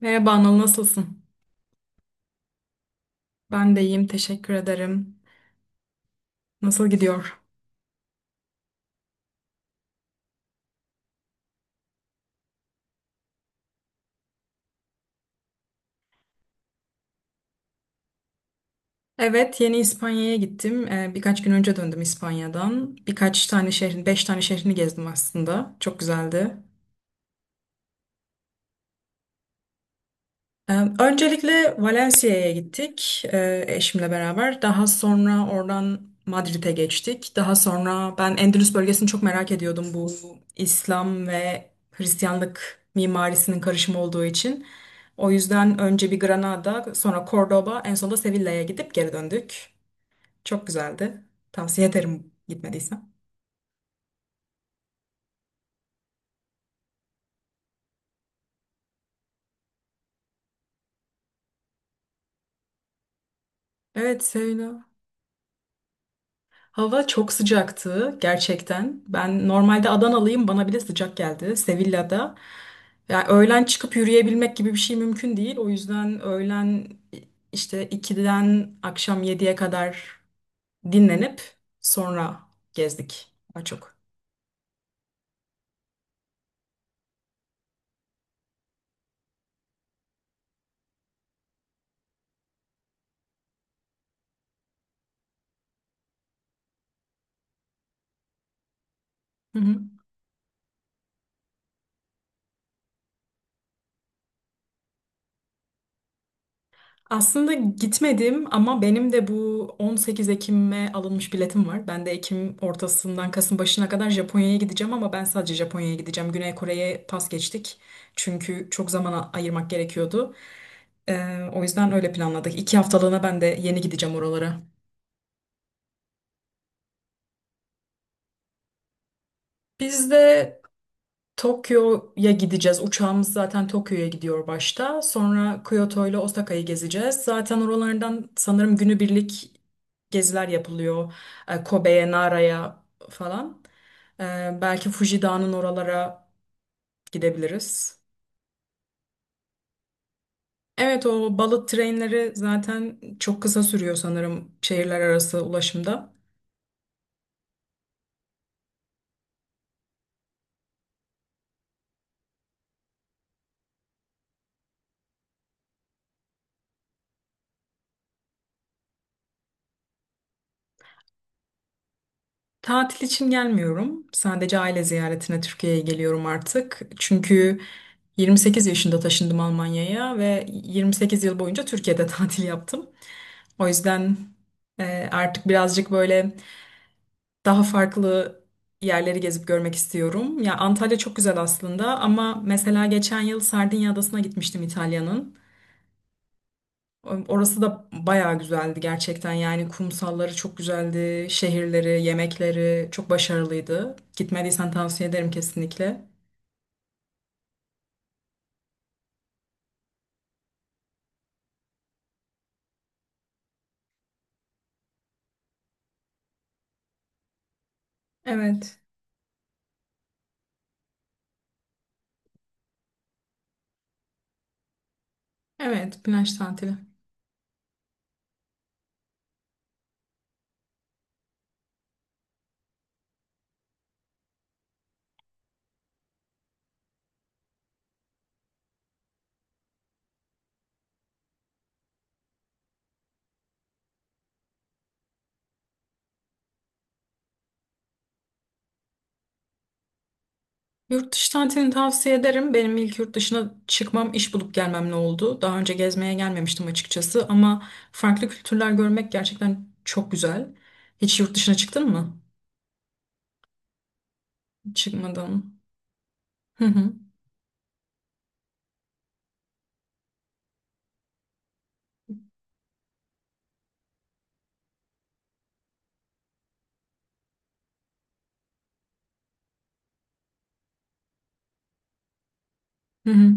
Merhaba Anıl, nasılsın? Ben de iyiyim, teşekkür ederim. Nasıl gidiyor? Evet, yeni İspanya'ya gittim. Birkaç gün önce döndüm İspanya'dan. Birkaç tane şehrin, beş tane şehrini gezdim aslında. Çok güzeldi. Ee, Öncelikle Valencia'ya gittik eşimle beraber. Daha sonra oradan Madrid'e geçtik. Daha sonra ben Endülüs bölgesini çok merak ediyordum, bu İslam ve Hristiyanlık mimarisinin karışımı olduğu için. O yüzden önce bir Granada, sonra Cordoba, en sonunda Sevilla'ya gidip geri döndük. Çok güzeldi. Tavsiye ederim gitmediysen. Evet, Sevilla. Hava çok sıcaktı gerçekten. Ben normalde Adanalıyım, bana bile sıcak geldi Sevilla'da. Yani öğlen çıkıp yürüyebilmek gibi bir şey mümkün değil. O yüzden öğlen işte 2'den akşam 7'ye kadar dinlenip sonra gezdik daha çok. Aslında gitmedim ama benim de bu 18 Ekim'e alınmış biletim var. Ben de Ekim ortasından Kasım başına kadar Japonya'ya gideceğim, ama ben sadece Japonya'ya gideceğim. Güney Kore'ye pas geçtik. Çünkü çok zaman ayırmak gerekiyordu. O yüzden öyle planladık. 2 haftalığına ben de yeni gideceğim oralara. Biz de Tokyo'ya gideceğiz. Uçağımız zaten Tokyo'ya gidiyor başta. Sonra Kyoto ile Osaka'yı gezeceğiz. Zaten oralardan sanırım günübirlik geziler yapılıyor. Kobe'ye, Nara'ya falan. E, Belki Fuji Dağı'nın oralara gidebiliriz. Evet, o balık trenleri zaten çok kısa sürüyor sanırım, şehirler arası ulaşımda. Tatil için gelmiyorum. Sadece aile ziyaretine Türkiye'ye geliyorum artık. Çünkü 28 yaşında taşındım Almanya'ya ve 28 yıl boyunca Türkiye'de tatil yaptım. O yüzden artık birazcık böyle daha farklı yerleri gezip görmek istiyorum. Ya Antalya çok güzel aslında, ama mesela geçen yıl Sardinya Adası'na gitmiştim, İtalya'nın. Orası da bayağı güzeldi gerçekten, yani kumsalları çok güzeldi, şehirleri, yemekleri çok başarılıydı. Gitmediysen tavsiye ederim kesinlikle. Evet, evet, plaj tatili. Yurt dışı tatilini tavsiye ederim. Benim ilk yurt dışına çıkmam iş bulup gelmemle oldu. Daha önce gezmeye gelmemiştim açıkçası, ama farklı kültürler görmek gerçekten çok güzel. Hiç yurt dışına çıktın mı? Çıkmadım. Hı hı. Hı hı.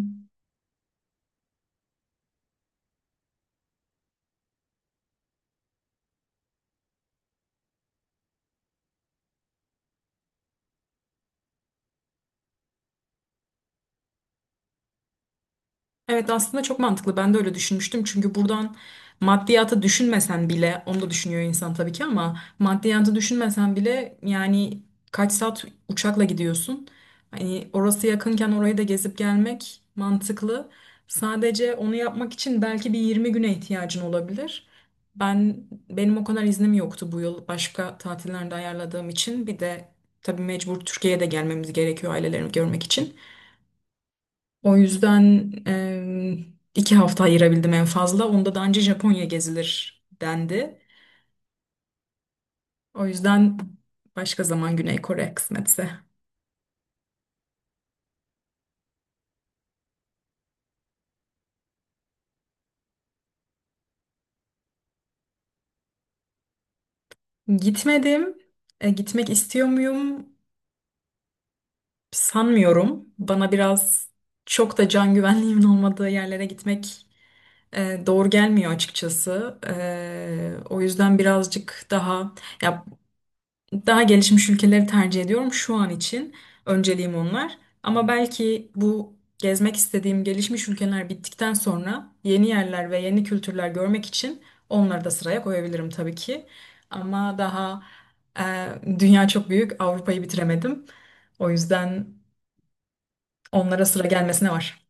Evet, aslında çok mantıklı. Ben de öyle düşünmüştüm. Çünkü buradan maddiyatı düşünmesen bile, onu da düşünüyor insan tabii ki, ama maddiyatı düşünmesen bile yani kaç saat uçakla gidiyorsun? Hani orası yakınken orayı da gezip gelmek mantıklı. Sadece onu yapmak için belki bir 20 güne ihtiyacın olabilir. Ben benim o kadar iznim yoktu bu yıl, başka tatillerde ayarladığım için. Bir de tabii mecbur Türkiye'ye de gelmemiz gerekiyor ailelerimi görmek için. O yüzden 2 hafta ayırabildim en fazla. Onda da anca Japonya gezilir dendi. O yüzden başka zaman Güney Kore, kısmetse. Gitmedim. Gitmek istiyor muyum? Sanmıyorum. Bana biraz, çok da can güvenliğimin olmadığı yerlere gitmek doğru gelmiyor açıkçası. O yüzden birazcık daha, ya, daha gelişmiş ülkeleri tercih ediyorum şu an için. Önceliğim onlar. Ama belki bu gezmek istediğim gelişmiş ülkeler bittikten sonra, yeni yerler ve yeni kültürler görmek için onları da sıraya koyabilirim tabii ki. Ama e, dünya çok büyük, Avrupa'yı bitiremedim. O yüzden onlara sıra gelmesine var.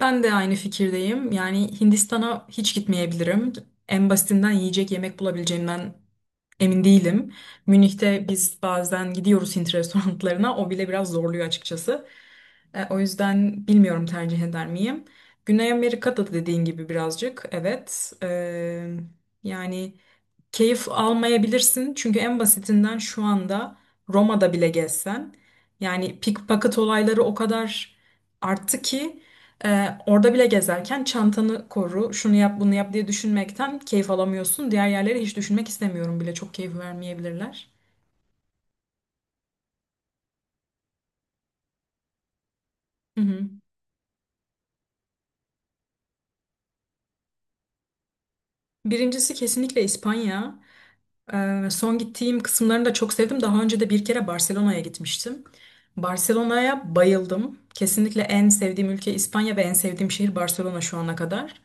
Ben de aynı fikirdeyim. Yani Hindistan'a hiç gitmeyebilirim. En basitinden yiyecek yemek bulabileceğimden emin değilim. Münih'te biz bazen gidiyoruz Hint restoranlarına. O bile biraz zorluyor açıkçası. O yüzden bilmiyorum tercih eder miyim. Güney Amerika'da da dediğin gibi birazcık. Evet. Yani keyif almayabilirsin. Çünkü en basitinden şu anda Roma'da bile gezsen. Yani pickpocket olayları o kadar arttı ki. Orada bile gezerken çantanı koru, şunu yap, bunu yap diye düşünmekten keyif alamıyorsun. Diğer yerleri hiç düşünmek istemiyorum bile. Çok keyif vermeyebilirler. Hı hı. Birincisi kesinlikle İspanya. Son gittiğim kısımlarını da çok sevdim. Daha önce de bir kere Barcelona'ya gitmiştim. Barcelona'ya bayıldım. Kesinlikle en sevdiğim ülke İspanya ve en sevdiğim şehir Barcelona, şu ana kadar.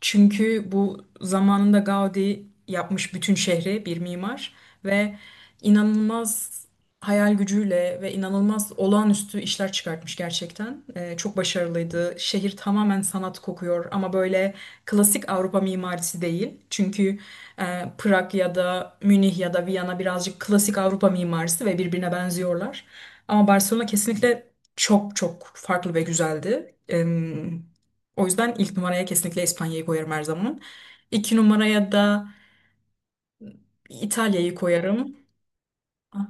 Çünkü bu zamanında Gaudi yapmış bütün şehri, bir mimar, ve inanılmaz hayal gücüyle ve inanılmaz olağanüstü işler çıkartmış gerçekten. Çok başarılıydı. Şehir tamamen sanat kokuyor, ama böyle klasik Avrupa mimarisi değil. Çünkü Prag ya da Münih ya da Viyana birazcık klasik Avrupa mimarisi ve birbirine benziyorlar. Ama Barcelona kesinlikle çok çok farklı ve güzeldi. O yüzden ilk numaraya kesinlikle İspanya'yı koyarım her zaman. İki numaraya da İtalya'yı koyarım. Ah,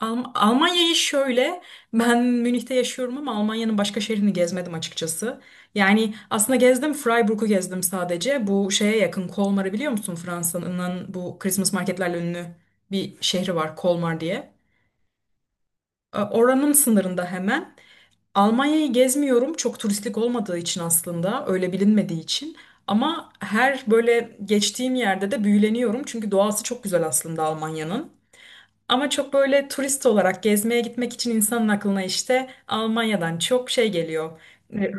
Almanya'yı şöyle, ben Münih'te yaşıyorum ama Almanya'nın başka şehrini gezmedim açıkçası. Yani aslında gezdim, Freiburg'u gezdim sadece. Bu şeye yakın, Kolmar'ı biliyor musun? Fransa'nın bu Christmas marketlerle ünlü bir şehri var, Kolmar diye. Oranın sınırında hemen. Almanya'yı gezmiyorum, çok turistik olmadığı için aslında, öyle bilinmediği için. Ama her böyle geçtiğim yerde de büyüleniyorum, çünkü doğası çok güzel aslında Almanya'nın. Ama çok böyle turist olarak gezmeye gitmek için insanın aklına işte Almanya'dan çok şey geliyor. E,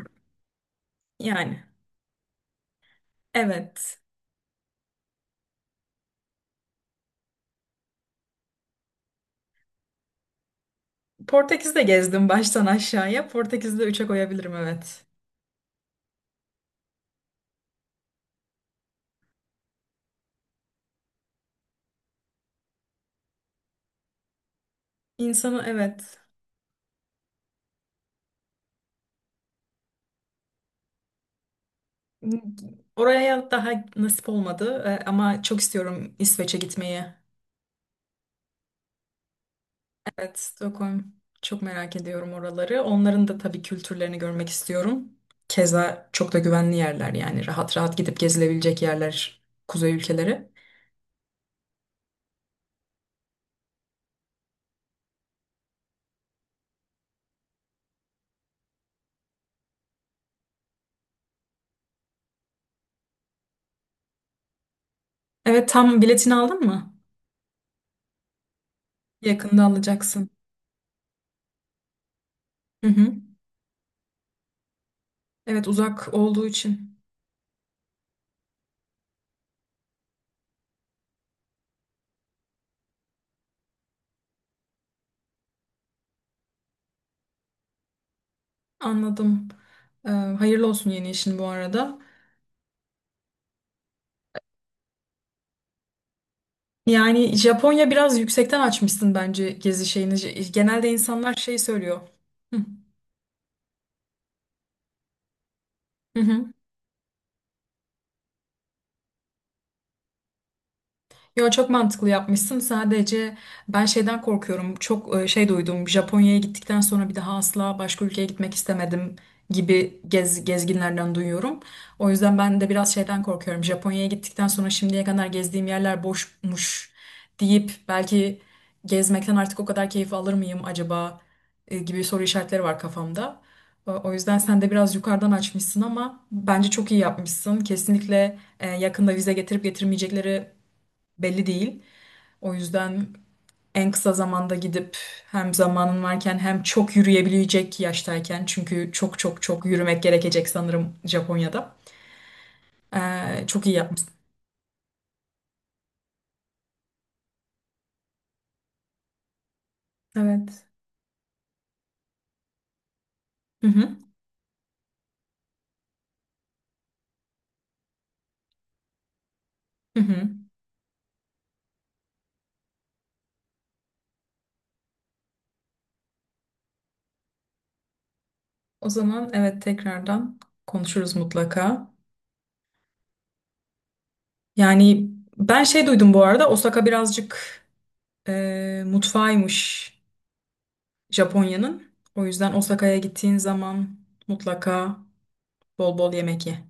Yani evet. Portekiz'de gezdim baştan aşağıya. Portekiz'de üçe koyabilirim, evet. İnsanı, evet. Oraya daha nasip olmadı ama çok istiyorum İsveç'e gitmeyi. Evet, Stockholm. Çok merak ediyorum oraları. Onların da tabii kültürlerini görmek istiyorum. Keza çok da güvenli yerler, yani rahat rahat gidip gezilebilecek yerler, kuzey ülkeleri. Evet, tam biletini aldın mı? Yakında alacaksın. Hı hı. Evet, uzak olduğu için. Anladım. Hayırlı olsun yeni işin bu arada. Yani Japonya biraz yüksekten açmışsın bence, gezi şeyini. Genelde insanlar şey söylüyor. Hı hı. Hı. Yo, çok mantıklı yapmışsın. Sadece ben şeyden korkuyorum. Çok şey duydum. Japonya'ya gittikten sonra bir daha asla başka ülkeye gitmek istemedim gibi, gezginlerden duyuyorum. O yüzden ben de biraz şeyden korkuyorum. Japonya'ya gittikten sonra, şimdiye kadar gezdiğim yerler boşmuş deyip belki gezmekten artık o kadar keyif alır mıyım acaba gibi soru işaretleri var kafamda. O yüzden sen de biraz yukarıdan açmışsın, ama bence çok iyi yapmışsın. Kesinlikle yakında vize getirip getirmeyecekleri belli değil. O yüzden en kısa zamanda gidip hem zamanın varken, hem çok yürüyebilecek yaştayken, çünkü çok çok çok yürümek gerekecek sanırım Japonya'da. Çok iyi yapmışsın. Evet. Hı hı. Hı hı. O zaman evet, tekrardan konuşuruz mutlaka. Yani ben şey duydum bu arada, Osaka birazcık mutfağıymış Japonya'nın. O yüzden Osaka'ya gittiğin zaman mutlaka bol bol yemek ye.